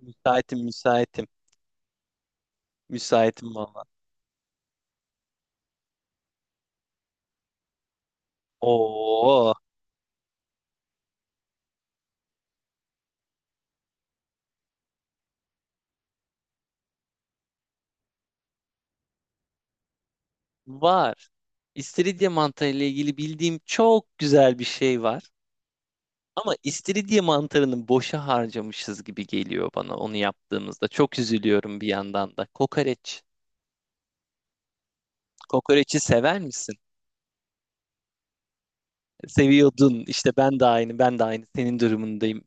Müsaitim, müsaitim. Müsaitim valla. Oo, var. İstiridye mantarı ile ilgili bildiğim çok güzel bir şey var. Ama istiridye mantarını boşa harcamışız gibi geliyor bana onu yaptığımızda. Çok üzülüyorum bir yandan da. Kokoreç. Kokoreçi sever misin? Seviyordun. İşte ben de aynı, ben de aynı. Senin durumundayım.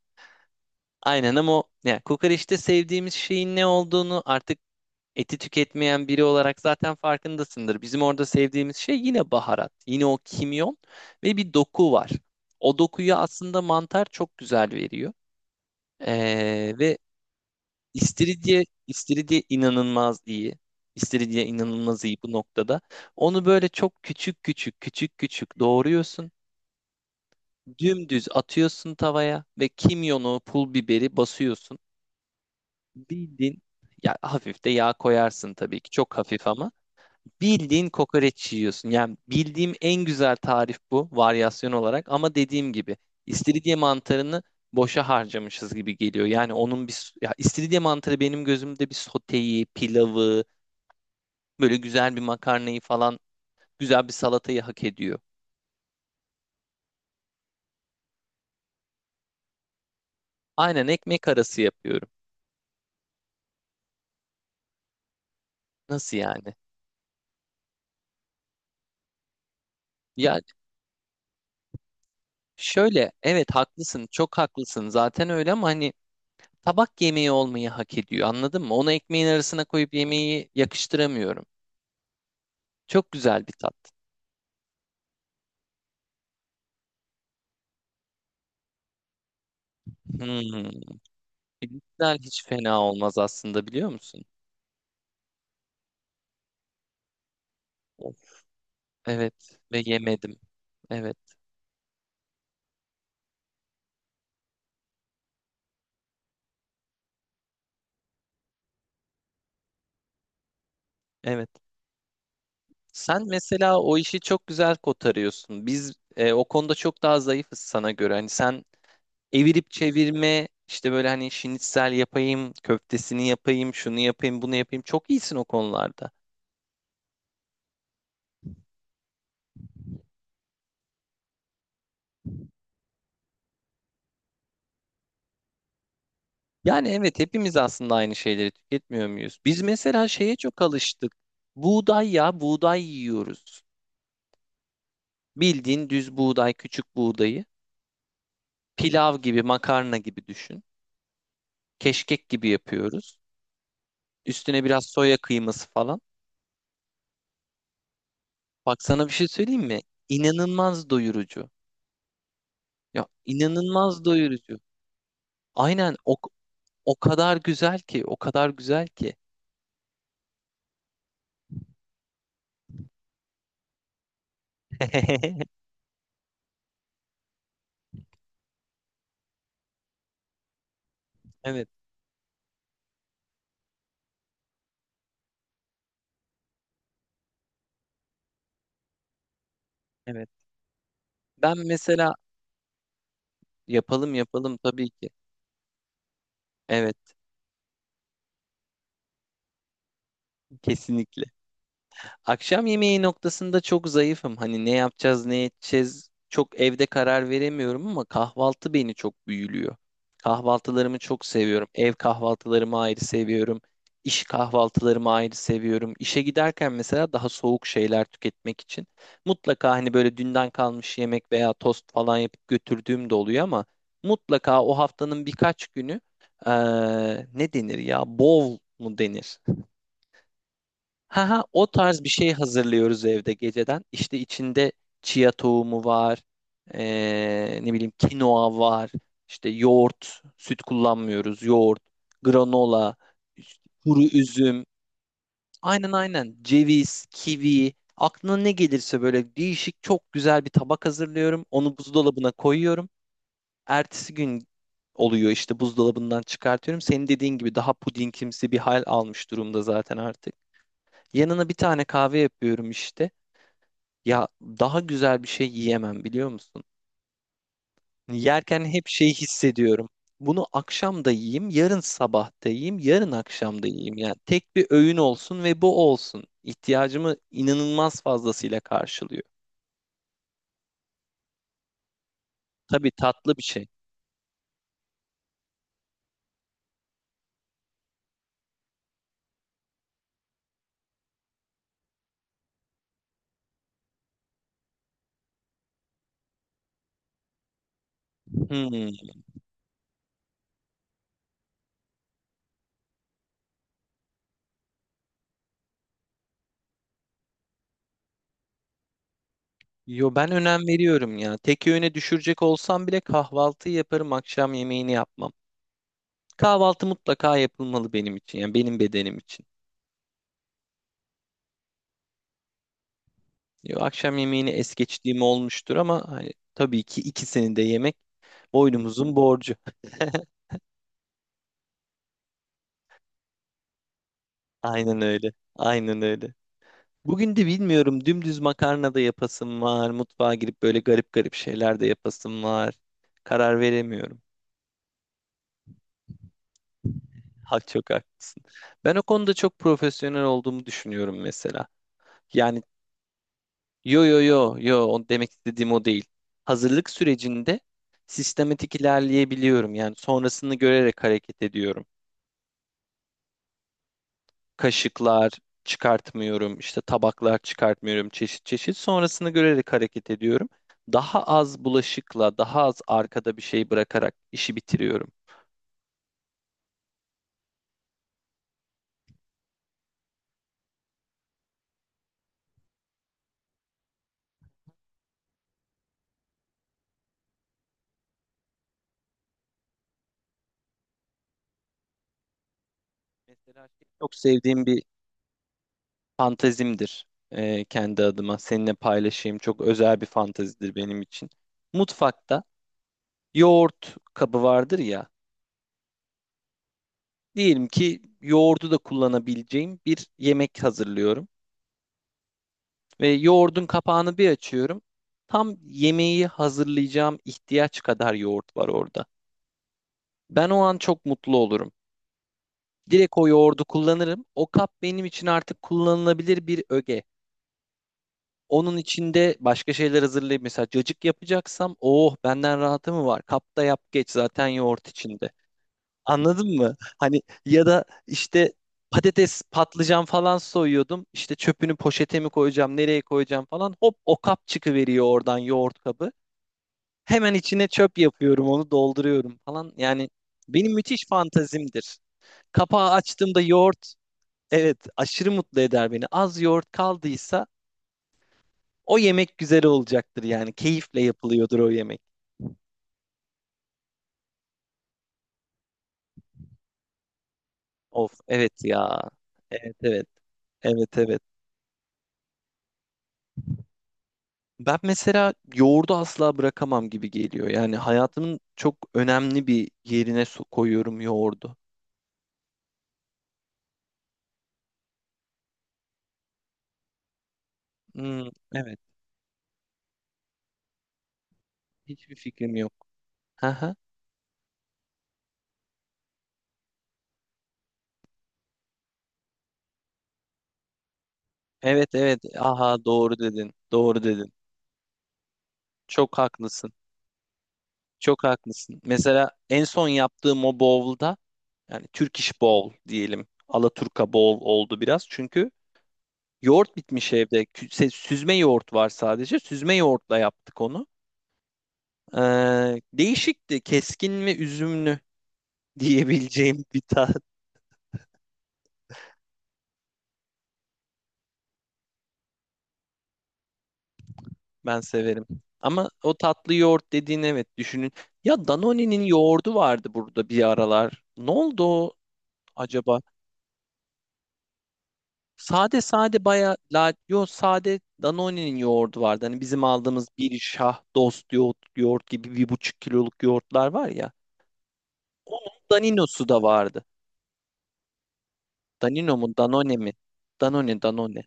Aynen ama o, yani kokoreçte sevdiğimiz şeyin ne olduğunu artık eti tüketmeyen biri olarak zaten farkındasındır. Bizim orada sevdiğimiz şey yine baharat, yine o kimyon ve bir doku var. O dokuyu aslında mantar çok güzel veriyor. Ve istiridye inanılmaz iyi. İstiridye inanılmaz iyi bu noktada. Onu böyle çok küçük küçük küçük küçük doğruyorsun. Dümdüz atıyorsun tavaya ve kimyonu, pul biberi basıyorsun. Bildin. Ya hafif de yağ koyarsın tabii ki. Çok hafif ama. Bildiğin kokoreç yiyorsun. Yani bildiğim en güzel tarif bu varyasyon olarak ama dediğim gibi istiridye mantarını boşa harcamışız gibi geliyor. Yani onun ya istiridye mantarı benim gözümde bir soteyi, pilavı, böyle güzel bir makarnayı falan, güzel bir salatayı hak ediyor. Aynen ekmek arası yapıyorum. Nasıl yani? Ya şöyle evet haklısın, çok haklısın. Zaten öyle ama hani tabak yemeği olmayı hak ediyor. Anladın mı? Onu ekmeğin arasına koyup yemeği yakıştıramıyorum. Çok güzel bir tat. Hmm. Pirinçler hiç fena olmaz aslında biliyor musun? Of. Evet ve yemedim. Evet, evet. Sen mesela o işi çok güzel kotarıyorsun. Biz o konuda çok daha zayıfız sana göre. Hani sen evirip çevirme işte böyle hani şinitsel yapayım, köftesini yapayım, şunu yapayım, bunu yapayım. Çok iyisin o konularda. Yani evet hepimiz aslında aynı şeyleri tüketmiyor muyuz? Biz mesela şeye çok alıştık. Buğday ya, buğday yiyoruz. Bildiğin düz buğday, küçük buğdayı. Pilav gibi, makarna gibi düşün. Keşkek gibi yapıyoruz. Üstüne biraz soya kıyması falan. Bak sana bir şey söyleyeyim mi? İnanılmaz doyurucu. Ya inanılmaz doyurucu. Aynen o, o kadar güzel ki, o kadar güzel ki. Evet, evet. Ben mesela yapalım yapalım tabii ki. Evet, kesinlikle. Akşam yemeği noktasında çok zayıfım. Hani ne yapacağız, ne edeceğiz çok evde karar veremiyorum ama kahvaltı beni çok büyülüyor. Kahvaltılarımı çok seviyorum. Ev kahvaltılarımı ayrı seviyorum. İş kahvaltılarımı ayrı seviyorum. İşe giderken mesela daha soğuk şeyler tüketmek için mutlaka hani böyle dünden kalmış yemek veya tost falan yapıp götürdüğüm de oluyor ama mutlaka o haftanın birkaç günü ne denir ya? Bol mu denir? Ha ha, o tarz bir şey hazırlıyoruz evde geceden. İşte içinde chia tohumu var. Ne bileyim, kinoa var. İşte yoğurt, süt kullanmıyoruz. Yoğurt, granola, işte kuru üzüm. Aynen aynen. Ceviz, kivi. Aklına ne gelirse böyle değişik çok güzel bir tabak hazırlıyorum. Onu buzdolabına koyuyorum. Ertesi gün oluyor işte buzdolabından çıkartıyorum. Senin dediğin gibi daha pudingimsi bir hal almış durumda zaten artık. Yanına bir tane kahve yapıyorum işte. Ya daha güzel bir şey yiyemem biliyor musun? Yerken hep şey hissediyorum. Bunu akşam da yiyeyim, yarın sabah da yiyeyim, yarın akşam da yiyeyim. Yani tek bir öğün olsun ve bu olsun. İhtiyacımı inanılmaz fazlasıyla karşılıyor. Tabii tatlı bir şey. Hmm. Yo ben önem veriyorum ya. Tek öğüne düşürecek olsam bile kahvaltı yaparım, akşam yemeğini yapmam. Kahvaltı mutlaka yapılmalı benim için. Yani benim bedenim için. Yo, akşam yemeğini es geçtiğim olmuştur ama hani tabii ki ikisini de yemek boynumuzun borcu. Aynen öyle. Aynen öyle. Bugün de bilmiyorum dümdüz makarna da yapasım var. Mutfağa girip böyle garip garip şeyler de yapasım var. Karar veremiyorum. Ha, çok haklısın. Ben o konuda çok profesyonel olduğumu düşünüyorum mesela. Yani yo yo yo yo, o demek istediğim o değil. Hazırlık sürecinde sistematik ilerleyebiliyorum. Yani sonrasını görerek hareket ediyorum. Kaşıklar çıkartmıyorum, işte tabaklar çıkartmıyorum çeşit çeşit. Sonrasını görerek hareket ediyorum. Daha az bulaşıkla, daha az arkada bir şey bırakarak işi bitiriyorum. Mesela şey, çok sevdiğim bir fantezimdir kendi adıma. Seninle paylaşayım. Çok özel bir fantezidir benim için. Mutfakta yoğurt kabı vardır ya. Diyelim ki yoğurdu da kullanabileceğim bir yemek hazırlıyorum. Ve yoğurdun kapağını bir açıyorum. Tam yemeği hazırlayacağım ihtiyaç kadar yoğurt var orada. Ben o an çok mutlu olurum. Direkt o yoğurdu kullanırım. O kap benim için artık kullanılabilir bir öge. Onun içinde başka şeyler hazırlayayım. Mesela cacık yapacaksam, oh benden rahatı mı var? Kapta yap geç zaten yoğurt içinde. Anladın mı? Hani ya da işte patates, patlıcan falan soyuyordum. İşte çöpünü poşete mi koyacağım, nereye koyacağım falan. Hop o kap çıkıveriyor oradan, yoğurt kabı. Hemen içine çöp yapıyorum, onu dolduruyorum falan. Yani benim müthiş fantazimdir. Kapağı açtığımda yoğurt, evet aşırı mutlu eder beni. Az yoğurt kaldıysa o yemek güzel olacaktır yani. Keyifle yapılıyordur o yemek. Of evet ya. Evet evet. Evet evet. Ben mesela yoğurdu asla bırakamam gibi geliyor. Yani hayatımın çok önemli bir yerine koyuyorum yoğurdu. Hmm, evet. Hiçbir fikrim yok. Aha. Evet evet. Aha, doğru dedin. Doğru dedin. Çok haklısın. Çok haklısın. Mesela en son yaptığım o bowl'da yani Turkish bowl diyelim. Alaturka bowl oldu biraz. Çünkü yoğurt bitmiş evde. Süzme yoğurt var sadece. Süzme yoğurtla yaptık onu. Ee, Değişikti. Keskin ve üzümlü. diyebileceğim bir tat. Ben severim. Ama o tatlı yoğurt dediğin, evet, düşünün. Ya Danone'nin yoğurdu vardı burada bir aralar. Ne oldu o acaba? Sade sade baya la yo sade Danone'nin yoğurdu vardı. Hani bizim aldığımız bir şah dost yoğurt, gibi bir buçuk kiloluk yoğurtlar var ya. Onun Danino'su da vardı. Danino mu Danone mi? Danone, Danone.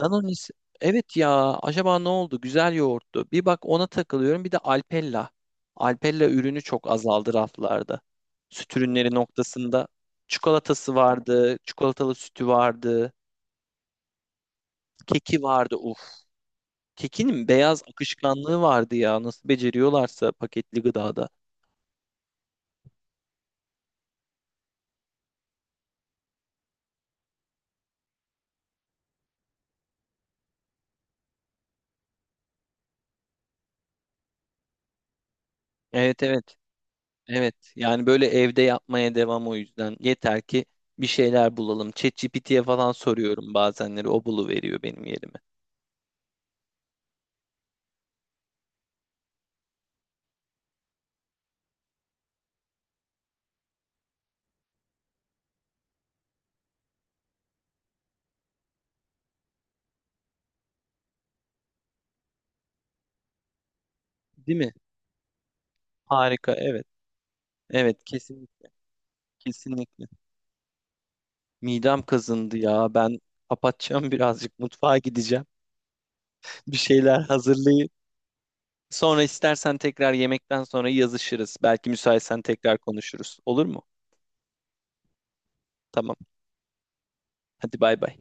Danonis. Evet ya, acaba ne oldu? Güzel yoğurttu. Bir bak, ona takılıyorum. Bir de Alpella. Alpella ürünü çok azaldı raflarda. Süt ürünleri noktasında çikolatası vardı, çikolatalı sütü vardı, keki vardı. Uf. Kekinin beyaz akışkanlığı vardı ya. Nasıl beceriyorlarsa paketli gıdada. Evet evet. Evet. Yani böyle evde yapmaya devam o yüzden. Yeter ki bir şeyler bulalım. ChatGPT'ye falan soruyorum bazenleri. O buluveriyor benim yerime. Değil mi? Harika. Evet. Evet, kesinlikle. Midem kazındı ya. Ben kapatacağım birazcık, mutfağa gideceğim. Bir şeyler hazırlayıp sonra istersen tekrar yemekten sonra yazışırız. Belki müsaitsen tekrar konuşuruz. Olur mu? Tamam. Hadi bay bay.